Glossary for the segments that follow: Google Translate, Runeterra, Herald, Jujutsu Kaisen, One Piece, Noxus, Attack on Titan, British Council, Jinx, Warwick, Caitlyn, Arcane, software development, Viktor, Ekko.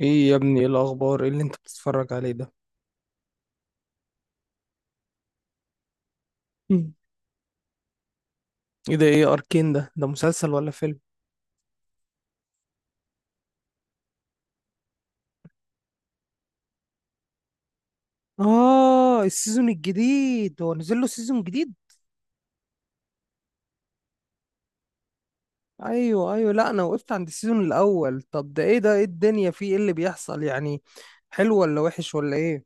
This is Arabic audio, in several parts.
ايه يا ابني؟ ايه الاخبار؟ ايه اللي انت بتتفرج عليه ده؟ مم. ايه ده؟ ايه اركين ده؟ ده مسلسل ولا فيلم؟ آه، السيزون الجديد، هو نزل له سيزون جديد؟ أيوه أيوه. لا، أنا وقفت عند السيزون الأول. طب ده إيه؟ ده إيه الدنيا فيه؟ إيه اللي بيحصل يعني؟ حلو ولا وحش ولا إيه؟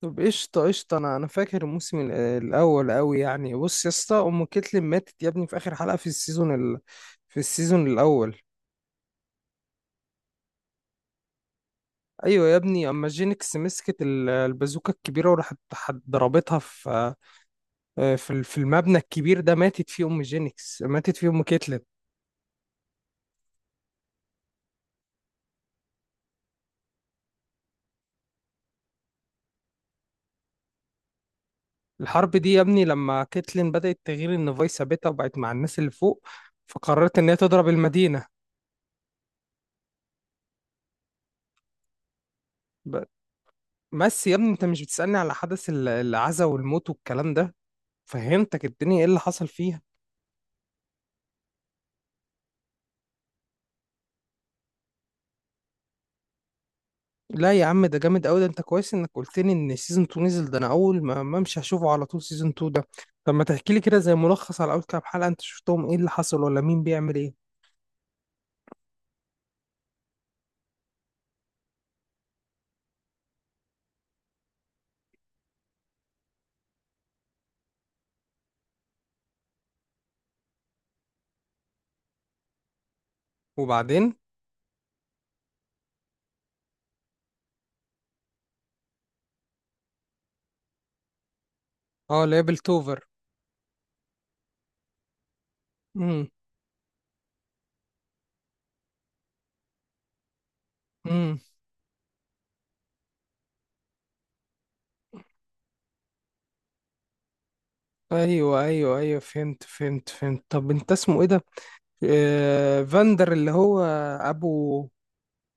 طب قشطة قشطة، أنا فاكر الموسم الأول أوي. يعني بص يا اسطى، أم كتلم ماتت يا ابني في آخر حلقة في السيزون في السيزون الأول. أيوه يا ابني، أما جينكس مسكت البازوكة الكبيرة وراحت ضربتها في في في المبنى الكبير ده، ماتت فيه ام جينكس، ماتت فيه ام كيتلين. الحرب دي يا ابني لما كيتلين بدأت تغير ان فايس ثابتة وبقت مع الناس اللي فوق، فقررت ان هي تضرب المدينة. ب- بس يا ابني، انت مش بتسألني على حدث العزا والموت والكلام ده؟ فهمتك الدنيا ايه اللي حصل فيها. لا يا عم، ده جامد قوي. ده انت كويس انك قلت لي ان سيزون 2 نزل. ده انا اول ما امشي هشوفه على طول سيزون 2 ده. طب ما تحكي لي كده زي ملخص على اول كام حلقة انت شفتهم، ايه اللي حصل ولا مين بيعمل ايه؟ وبعدين؟ اه، ليبل توفر. امم. ايوه ايوه ايوه، فهمت فهمت فهمت. طب انت اسمه ايه ده؟ آه، فاندر اللي هو ابو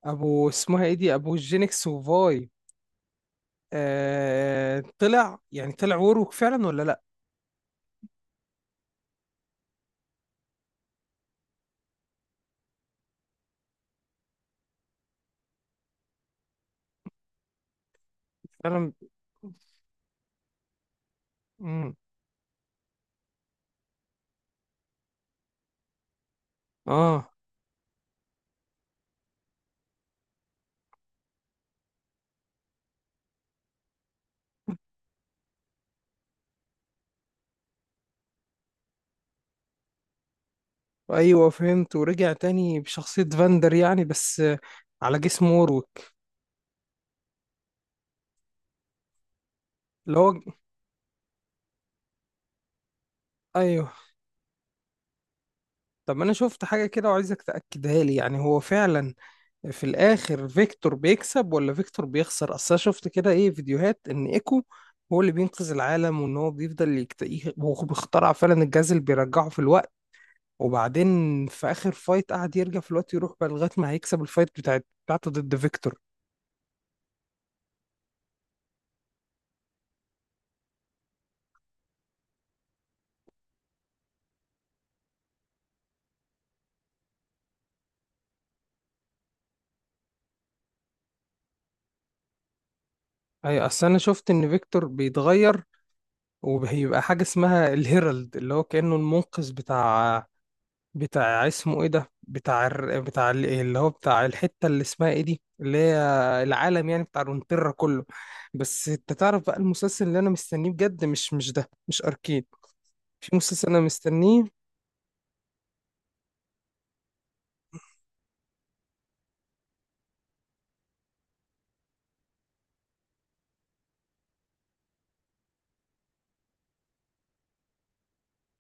ابو اسمها ايه دي، ابو جينكس وفاي؟ آه، طلع يعني طلع وروك فعلا ولا لا؟ فعلا. امم. اه. ايوه، فهمت. ورجع تاني بشخصية فاندر يعني، بس آه، على جسم ووروك. اللي هو ايوه. طب انا شفت حاجة كده وعايزك تأكدها لي، يعني هو فعلا في الاخر فيكتور بيكسب ولا فيكتور بيخسر؟ اصل انا شفت كده ايه فيديوهات ان ايكو هو اللي بينقذ العالم، وان هو بيفضل يكتئب، هو بيخترع فعلا الجهاز اللي بيرجعه في الوقت، وبعدين في اخر فايت قعد يرجع في الوقت يروح بقى لغايه ما هيكسب الفايت بتاعته ضد فيكتور. اي، اصل انا شفت ان فيكتور بيتغير وبيبقى حاجه اسمها الهيرالد، اللي هو كانه المنقذ بتاع اسمه ايه ده، بتاع بتاع اللي هو بتاع الحته اللي اسمها ايه دي، اللي هي العالم يعني، بتاع رونتيرا كله. بس انت تعرف بقى المسلسل اللي انا مستنيه بجد؟ مش ده، مش اركين. في مسلسل انا مستنيه.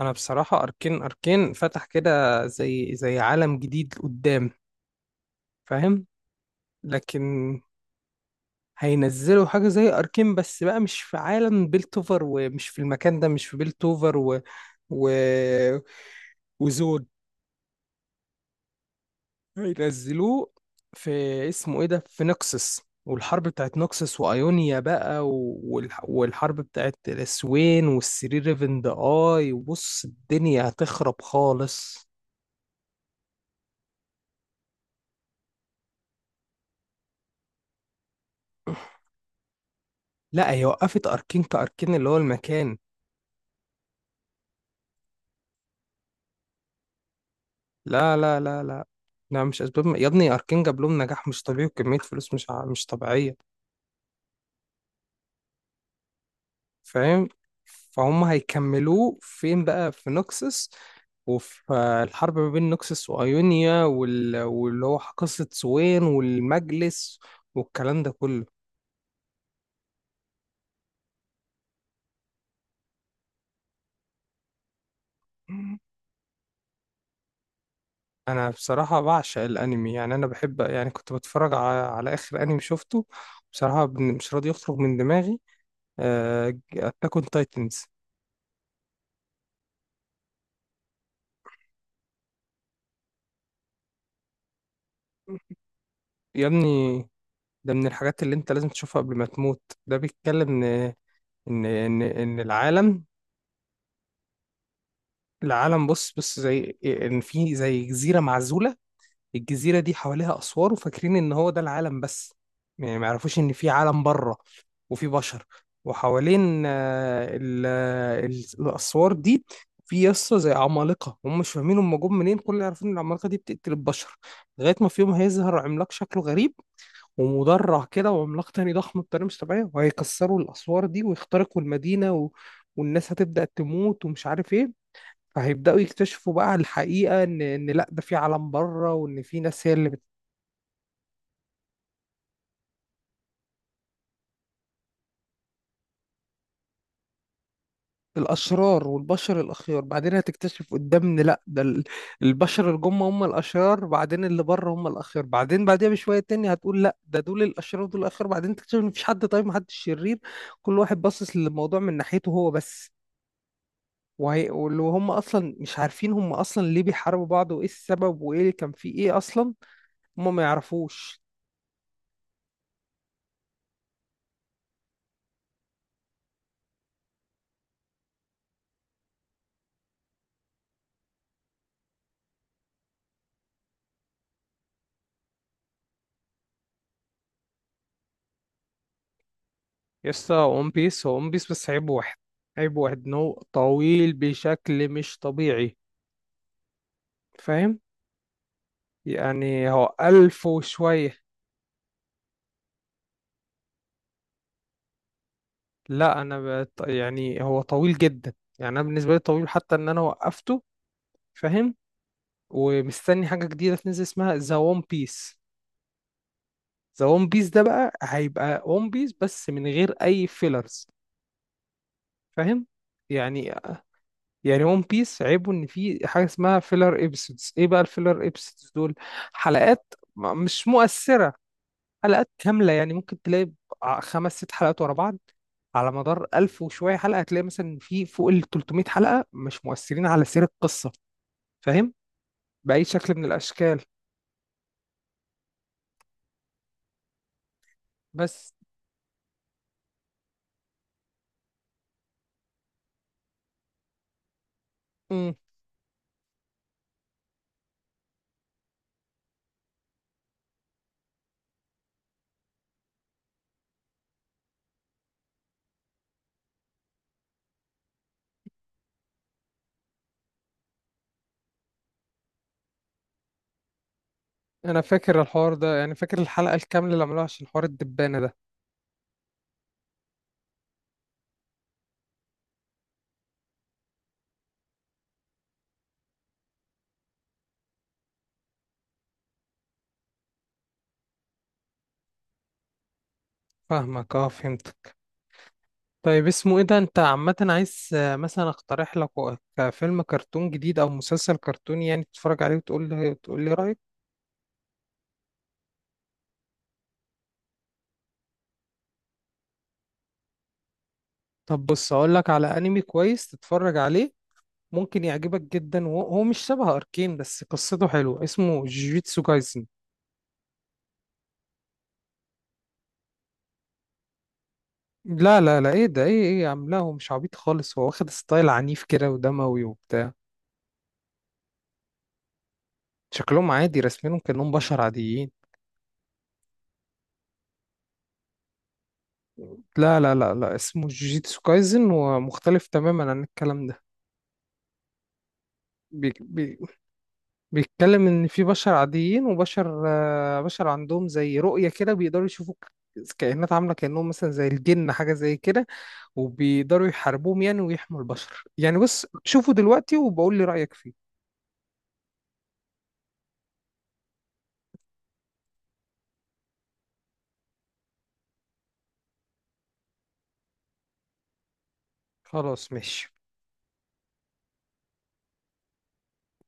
انا بصراحه اركين، اركين فتح كده زي عالم جديد قدام. فاهم؟ لكن هينزلوا حاجه زي اركين بس بقى، مش في عالم بيلتوفر، ومش في المكان ده، مش في بيلتوفر، و... وزود. هينزلوه في اسمه ايه ده، في نكسس، والحرب بتاعت نكسس وايونيا بقى، والحرب بتاعت الاسوين، والسري ريفن ذا اي، وبص الدنيا هتخرب خالص. لا، هي وقفت اركين كاركين اللي هو المكان. لا، لا مش اسباب يا ابني. اركين جاب لهم نجاح مش طبيعي وكمية فلوس مش طبيعية. فاهم؟ فهم. هيكملوه فين بقى؟ في نوكسس، وفي آه، الحرب ما بين نوكسس وأيونيا، واللي هو قصة سوين والمجلس والكلام ده كله. انا بصراحة بعشق الانمي. يعني انا بحب، يعني كنت بتفرج على، على اخر انمي شفته بصراحة مش راضي يخرج من دماغي، اتاك اون تايتنز. يا ابني، ده من الحاجات اللي انت لازم تشوفها قبل ما تموت. ده بيتكلم ان إن العالم، العالم بص، بص زي ان في زي جزيره معزوله. الجزيره دي حواليها اسوار، وفاكرين ان هو ده العالم بس. يعني ما يعرفوش ان في عالم بره، وفي بشر، وحوالين آه، آه، الاسوار دي في يسطا زي عمالقه. هم مش فاهمين هم جم منين، كل اللي عارفين ان العمالقه دي بتقتل البشر. لغايه ما في يوم هيظهر عملاق شكله غريب ومدرع كده، وعملاق تاني ضخم بطريقه مش طبيعيه، وهيكسروا الاسوار دي ويخترقوا المدينه، والناس هتبدأ تموت ومش عارف ايه. فهيبدأوا يكتشفوا بقى الحقيقة، إن لأ، ده في عالم بره، وإن في ناس هي اللي الأشرار، والبشر الأخيار. بعدين هتكتشف قدام إن لأ، ده البشر اللي جم هم الأشرار، بعدين اللي بره هم الأخيار، بعدين بعديها بشوية تاني هتقول لأ، ده دول الأشرار ودول الأخيار، بعدين تكتشف إن مفيش حد طيب محدش شرير. كل واحد باصص للموضوع من ناحيته هو بس. واللي هم أصلا مش عارفين هم أصلا ليه بيحاربوا بعض، وإيه السبب، وإيه اللي كان فيه إيه أصلا. هم ما يعرفوش. يسطا، ون بيس هو ون بيس، بس عيبه واحد. عيبه واحد انه طويل بشكل مش طبيعي. فاهم؟ يعني هو ألف وشوية. لا، يعني هو طويل جدا، يعني أنا بالنسبة لي طويل حتى إن أنا وقفته. فاهم؟ ومستني حاجة جديدة تنزل اسمها ذا ون بيس. ذا ون بيس ده بقى هيبقى ون بيس بس من غير أي فيلرز. فاهم؟ يعني، يعني ون بيس عيبه ان في حاجه اسمها فيلر ابيسودز. ايه بقى الفيلر ابيسودز دول؟ حلقات مش مؤثره، حلقات كامله. يعني ممكن تلاقي خمس ست حلقات ورا بعض، على مدار ألف وشويه حلقه هتلاقي مثلا في فوق ال 300 حلقه مش مؤثرين على سير القصه. فاهم؟ باي شكل من الاشكال. بس. امم. انا فاكر الحوار ده، يعني فاكر الحلقه الكامله اللي عملوها عشان حوار الدبانه ده. فاهمك، اه، فهمت. طيب اسمه ايه ده، انت عامة عايز آه، مثلا اقترح لك كفيلم كرتون جديد او مسلسل كرتوني يعني تتفرج عليه وتقول لي، تقول لي رأيك؟ طب بص، اقول لك على انمي كويس تتفرج عليه، ممكن يعجبك جدا، وهو مش شبه اركين بس قصته حلوة، اسمه جيجيتسو كايسن. لا ايه ده؟ ايه ايه يا عم، لا، هو مش عبيط خالص، هو واخد ستايل عنيف كده ودموي وبتاع. شكلهم عادي رسمينهم كأنهم بشر عاديين. لا، اسمه جوجيتسو كايزن، ومختلف تماما عن الكلام ده. بي بي بيتكلم ان في بشر عاديين، وبشر آه، بشر عندهم زي رؤية كده، بيقدروا يشوفوا كائنات عاملة كأنهم مثلا زي الجن، حاجة زي كده، وبيقدروا يحاربوهم يعني، ويحموا البشر يعني. بص شوفوا دلوقتي وبقول لي رأيك فيه. خلاص ماشي.